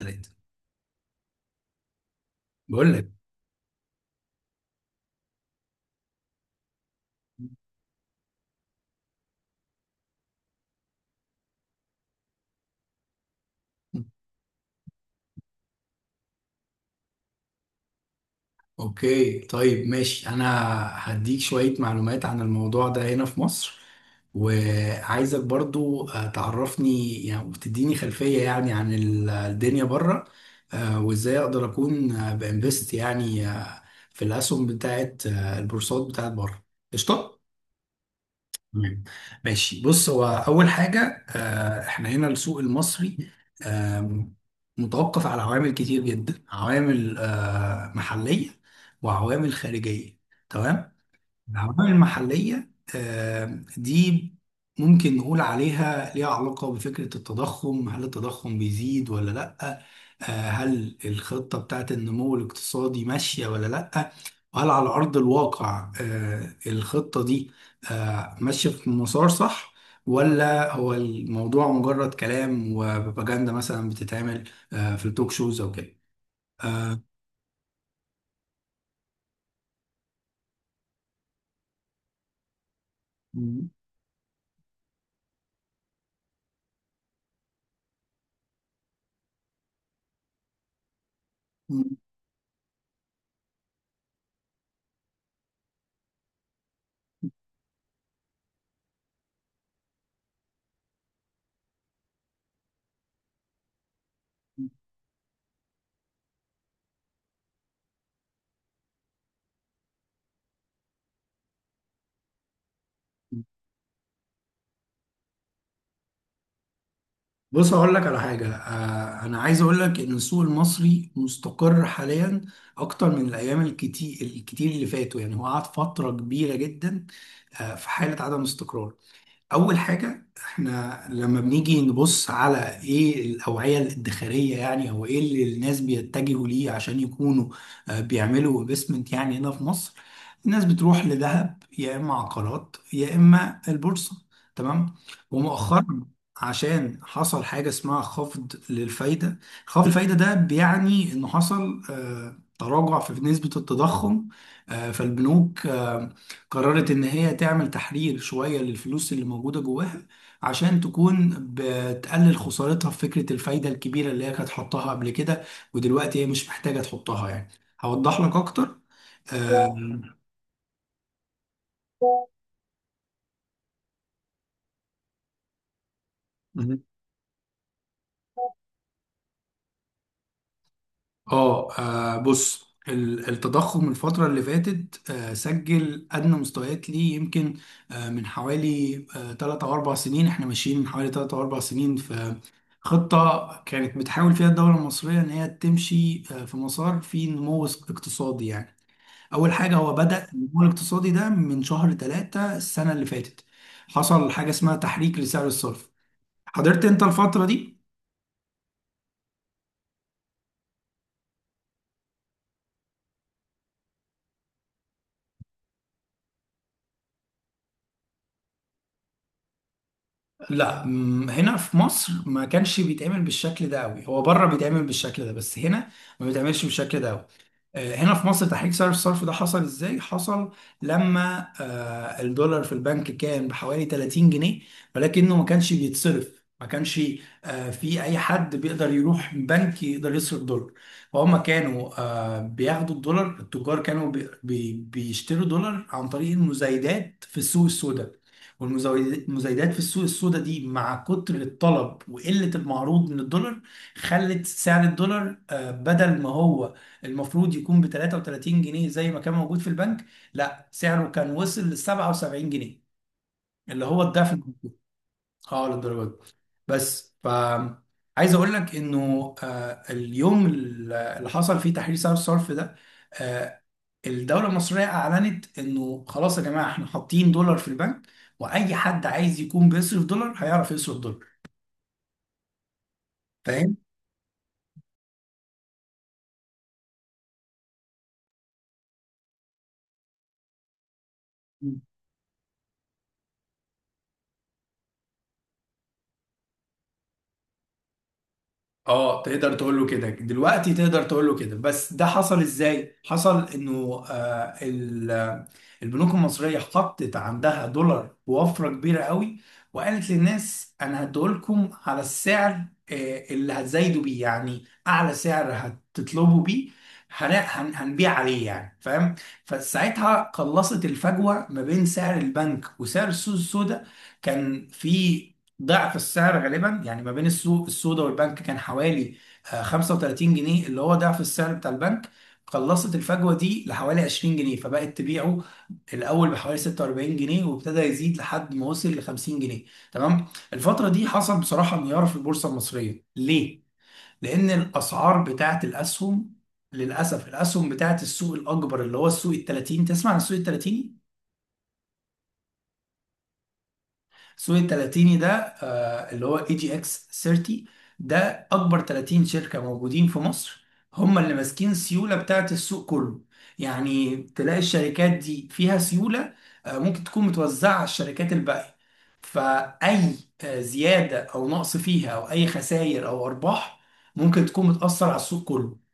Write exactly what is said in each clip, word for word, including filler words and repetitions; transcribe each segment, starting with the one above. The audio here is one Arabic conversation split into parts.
ثلاثة، بقول لك. اوكي طيب ماشي، انا هديك شوية معلومات عن الموضوع ده هنا في مصر، وعايزك برضو آه، تعرفني يعني، وتديني خلفية يعني عن ال- الدنيا بره، آه، وازاي اقدر اكون آه، بانفست يعني آه، في الاسهم بتاعت آه، البورصات بتاعت بره. قشطة. تمام ماشي. بص، هو اول حاجه آه، احنا هنا السوق المصري آم، متوقف على عوامل كتير جدا، عوامل آه، محليه وعوامل خارجيه. تمام. العوامل المحلية آه، دي ممكن نقول عليها ليها علاقة بفكرة التضخم. هل التضخم بيزيد ولا لأ؟ آه، هل الخطة بتاعت النمو الاقتصادي ماشية ولا لأ؟ وهل على أرض الواقع آه، الخطة دي آه، ماشية في مسار صح، ولا هو الموضوع مجرد كلام وبروباجندا مثلا بتتعمل آه، في التوك شوز أو كده؟ بص، هقول لك على حاجة. آه، أنا عايز أقول لك إن السوق المصري مستقر حاليا أكتر من الأيام الكتير الكتير اللي فاتوا، يعني هو قعد فترة كبيرة جدا آه، في حالة عدم استقرار. اول حاجه، احنا لما بنيجي نبص على ايه الاوعيه الادخاريه يعني، او ايه اللي الناس بيتجهوا ليه عشان يكونوا آه، بيعملوا انفستمنت يعني هنا في مصر، الناس بتروح لذهب يا اما عقارات يا اما البورصه. تمام. ومؤخرا عشان حصل حاجه اسمها خفض للفايده. خفض الفايده ده بيعني انه حصل آه، تراجع في نسبه التضخم، آه، فالبنوك آه، قررت ان هي تعمل تحرير شوية للفلوس اللي موجودة جواها، عشان تكون بتقلل خسارتها في فكرة الفايدة الكبيرة اللي هي كانت حطها قبل كده، ودلوقتي هي مش محتاجة تحطها يعني. هوضح لك اكتر. آه، واو. اه، آه، بص ال- التضخم الفترة اللي فاتت آه، سجل أدنى مستويات ليه، يمكن آه، من حوالي آه، تلات أو أربع سنين. احنا ماشيين من حوالي تلات أو أربع سنين في خطة كانت بتحاول فيها الدولة المصرية إن هي تمشي آه، في مسار فيه نمو اقتصادي يعني. أول حاجة، هو بدأ النمو الاقتصادي ده من شهر تلاتة السنة اللي فاتت. حصل حاجة اسمها تحريك لسعر الصرف. حضرت أنت الفترة دي؟ لا، م- هنا في مصر ما كانش بيتعمل بالشكل ده قوي، هو بره بيتعمل بالشكل ده، بس هنا ما بيتعملش بالشكل ده قوي. آه، هنا في مصر تحريك سعر الصرف ده حصل ازاي؟ حصل لما آه، الدولار في البنك كان بحوالي تلاتين جنيه، ولكنه ما كانش بيتصرف، ما كانش آه، في اي حد بيقدر يروح بنك يقدر يصرف دولار. فهم كانوا آه، بياخدوا الدولار، التجار كانوا بي- بي- بيشتروا دولار عن طريق المزايدات في السوق السوداء. والمزايدات في السوق السوداء دي مع كتر الطلب وقلة المعروض من الدولار خلت سعر الدولار آه، بدل ما هو المفروض يكون ب تلاتة وتلاتين جنيه زي ما كان موجود في البنك، لا سعره كان وصل ل سبعة وسبعين جنيه، اللي هو الضعف. اه، للدرجه دي. بس ف عايز اقول لك انه آه، اليوم اللي حصل فيه تحرير سعر الصرف ده، آه، الدولة المصرية أعلنت إنه خلاص يا جماعة، إحنا حاطين دولار في البنك، وأي حد عايز يكون بيصرف دولار هيعرف يصرف دولار. فاهم؟ اه، تقدر تقول له كده دلوقتي، تقدر تقول له كده. بس ده حصل ازاي؟ حصل انه آه ال- آه، البنوك المصريه حطت عندها دولار بوفره كبيره قوي، وقالت للناس انا هديهولكم على السعر آه اللي هتزايدوا بيه، يعني اعلى سعر هتطلبوا بيه هن- هن- هنبيع عليه يعني، فاهم؟ فساعتها قلصت الفجوه ما بين سعر البنك وسعر السوق السوداء. كان في ضعف السعر غالبا يعني، ما بين السوق السودا والبنك كان حوالي آه، خمسة وتلاتين جنيه، اللي هو ضعف السعر بتاع البنك. قلصت الفجوه دي لحوالي عشرين جنيه، فبقت تبيعه الاول بحوالي ستة واربعين جنيه، وابتدى يزيد لحد ما وصل ل خمسين جنيه. تمام. الفتره دي حصل بصراحه انهيار في البورصه المصريه، ليه؟ لان الاسعار بتاعه الاسهم، للاسف الاسهم بتاعه السوق الاكبر اللي هو السوق ال ثلاثين، تسمع عن السوق ال تلاتين؟ السوق التلاتيني ده آه، اللي هو اي جي اكس تلاتين، ده اكبر 30 شركة موجودين في مصر، هم اللي ماسكين السيولة بتاعت السوق كله. يعني تلاقي الشركات دي فيها سيولة آه، ممكن تكون متوزعة على الشركات الباقية، فأي آه، زيادة أو نقص فيها أو أي خسائر أو أرباح ممكن تكون بتأثر على السوق كله.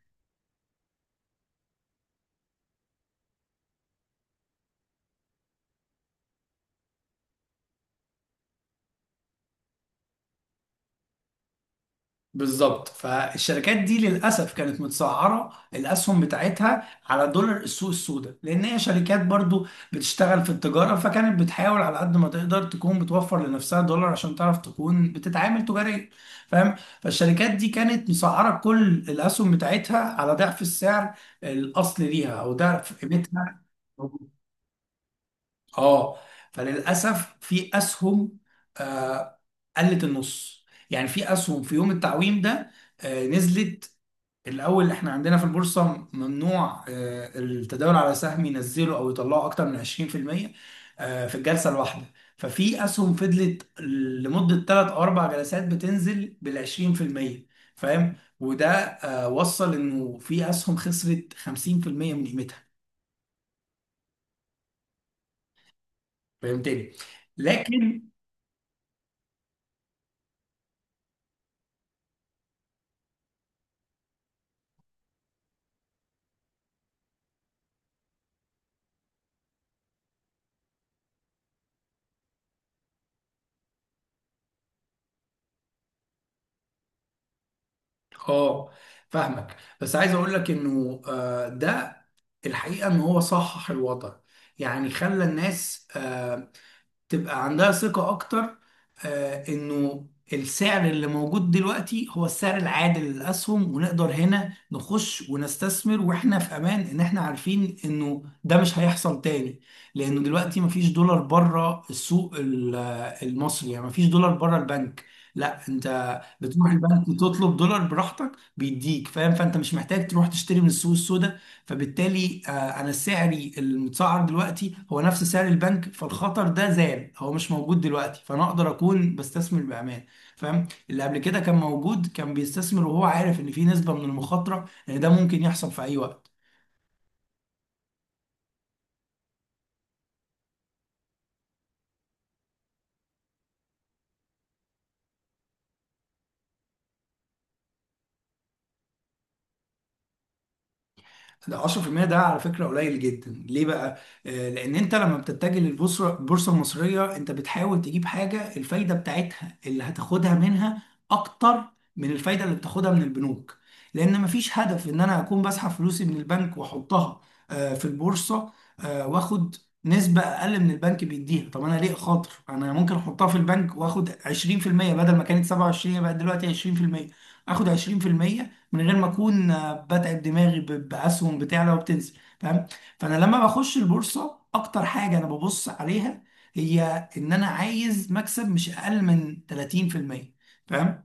بالظبط. فالشركات دي للاسف كانت متسعره الاسهم بتاعتها على دولار السوق السوداء، لان هي شركات برضو بتشتغل في التجاره، فكانت بتحاول على قد ما تقدر تكون بتوفر لنفسها دولار عشان تعرف تكون بتتعامل تجاريا، فاهم؟ فالشركات دي كانت مسعره كل الاسهم بتاعتها على ضعف السعر الاصلي ليها او ضعف قيمتها. اه. فللاسف في اسهم آه قلت النص يعني، في اسهم في يوم التعويم ده آه نزلت. الاول، احنا عندنا في البورصه ممنوع آه التداول على سهم ينزله او يطلعه اكتر من عشرين في المية آه في الجلسه الواحده. ففي اسهم فضلت لمده ثلاث او اربع جلسات بتنزل بال عشرين في المية، فاهم؟ وده آه وصل انه في اسهم خسرت خمسين في المية من قيمتها. فهمتني؟ لكن اه، فاهمك، بس عايز اقول لك انه آه، ده الحقيقه ان هو صحح الوضع، يعني خلى الناس آه، تبقى عندها ثقة أكتر. آه إنه السعر اللي موجود دلوقتي هو السعر العادل للأسهم، ونقدر هنا نخش ونستثمر وإحنا في أمان، إن إحنا عارفين إنه ده مش هيحصل تاني. لأنه دلوقتي مفيش دولار بره السوق ال- المصري، يعني مفيش دولار بره البنك. لا، انت بتروح البنك تطلب دولار براحتك بيديك، فاهم؟ فانت مش محتاج تروح تشتري من السوق السوداء. فبالتالي آه، انا سعري المتسعر دلوقتي هو نفس سعر البنك، فالخطر ده زال، هو مش موجود دلوقتي، فانا اقدر اكون بستثمر بامان. فاهم؟ اللي قبل كده كان موجود كان بيستثمر وهو عارف ان في نسبة من المخاطرة ان ده ممكن يحصل في اي وقت. ده عشرة بالمية ده على فكرة قليل جدا. ليه بقى؟ آه، لأن أنت لما بتتجه للبورصة، البورصة المصرية، أنت بتحاول تجيب حاجة الفايدة بتاعتها اللي هتاخدها منها أكتر من الفايدة اللي بتاخدها من البنوك. لأن مفيش هدف إن أنا أكون بسحب فلوسي من البنك وأحطها آه، في البورصة آه، وآخد نسبة أقل من البنك بيديها. طب أنا ليه خاطر؟ أنا ممكن أحطها في البنك وآخد عشرين في المية بدل ما كانت سبعة وعشرين، بقت دلوقتي عشرين في المية. آخد عشرين في المية من غير ما اكون آه، بتعب دماغي ب- باسهم بتعلى وبتنزل، فاهم؟ فانا لما بخش البورصه، اكتر حاجه انا ببص عليها هي ان انا عايز مكسب مش اقل من تلاتين في المية، فاهم؟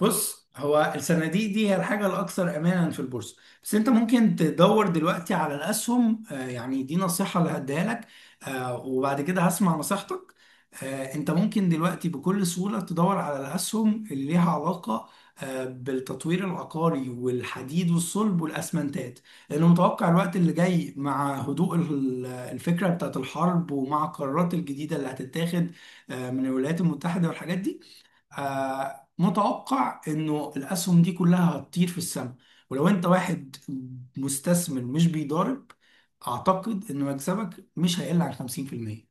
بص، هو الصناديق دي هي الحاجة الأكثر أمانا في البورصة، بس أنت ممكن تدور دلوقتي على الأسهم. آه، يعني دي نصيحة اللي هديها لك، آه، وبعد كده هسمع نصيحتك. آه، أنت ممكن دلوقتي بكل سهولة تدور على الأسهم اللي ليها علاقة آه، بالتطوير العقاري والحديد والصلب والأسمنتات، لأنه متوقع الوقت اللي جاي مع هدوء ال- الفكرة بتاعت الحرب، ومع القرارات الجديدة اللي هتتاخد آه، من الولايات المتحدة والحاجات دي، آه، متوقع انه الاسهم دي كلها هتطير في السماء. ولو انت واحد مستثمر مش بيضارب، اعتقد ان مكسبك مش هيقل عن خمسين في المية.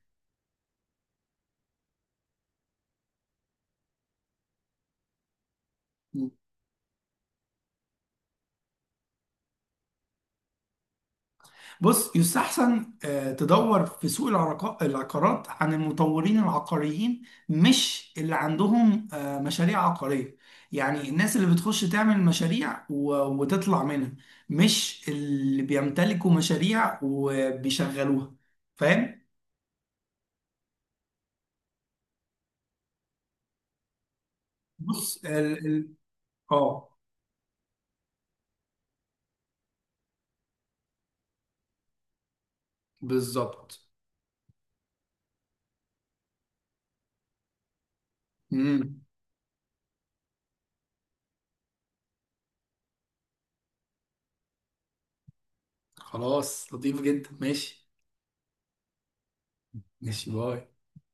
بص، يستحسن آه، تدور في سوق العرق- العقارات عن المطورين العقاريين، مش اللي عندهم آه، مشاريع عقارية. يعني الناس اللي بتخش تعمل مشاريع و- وتطلع منها، مش اللي بيمتلكوا مشاريع وبيشغلوها، فاهم؟ بص ال ال اه، بالظبط. امم. خلاص لطيف جدا. ماشي. ماشي، باي.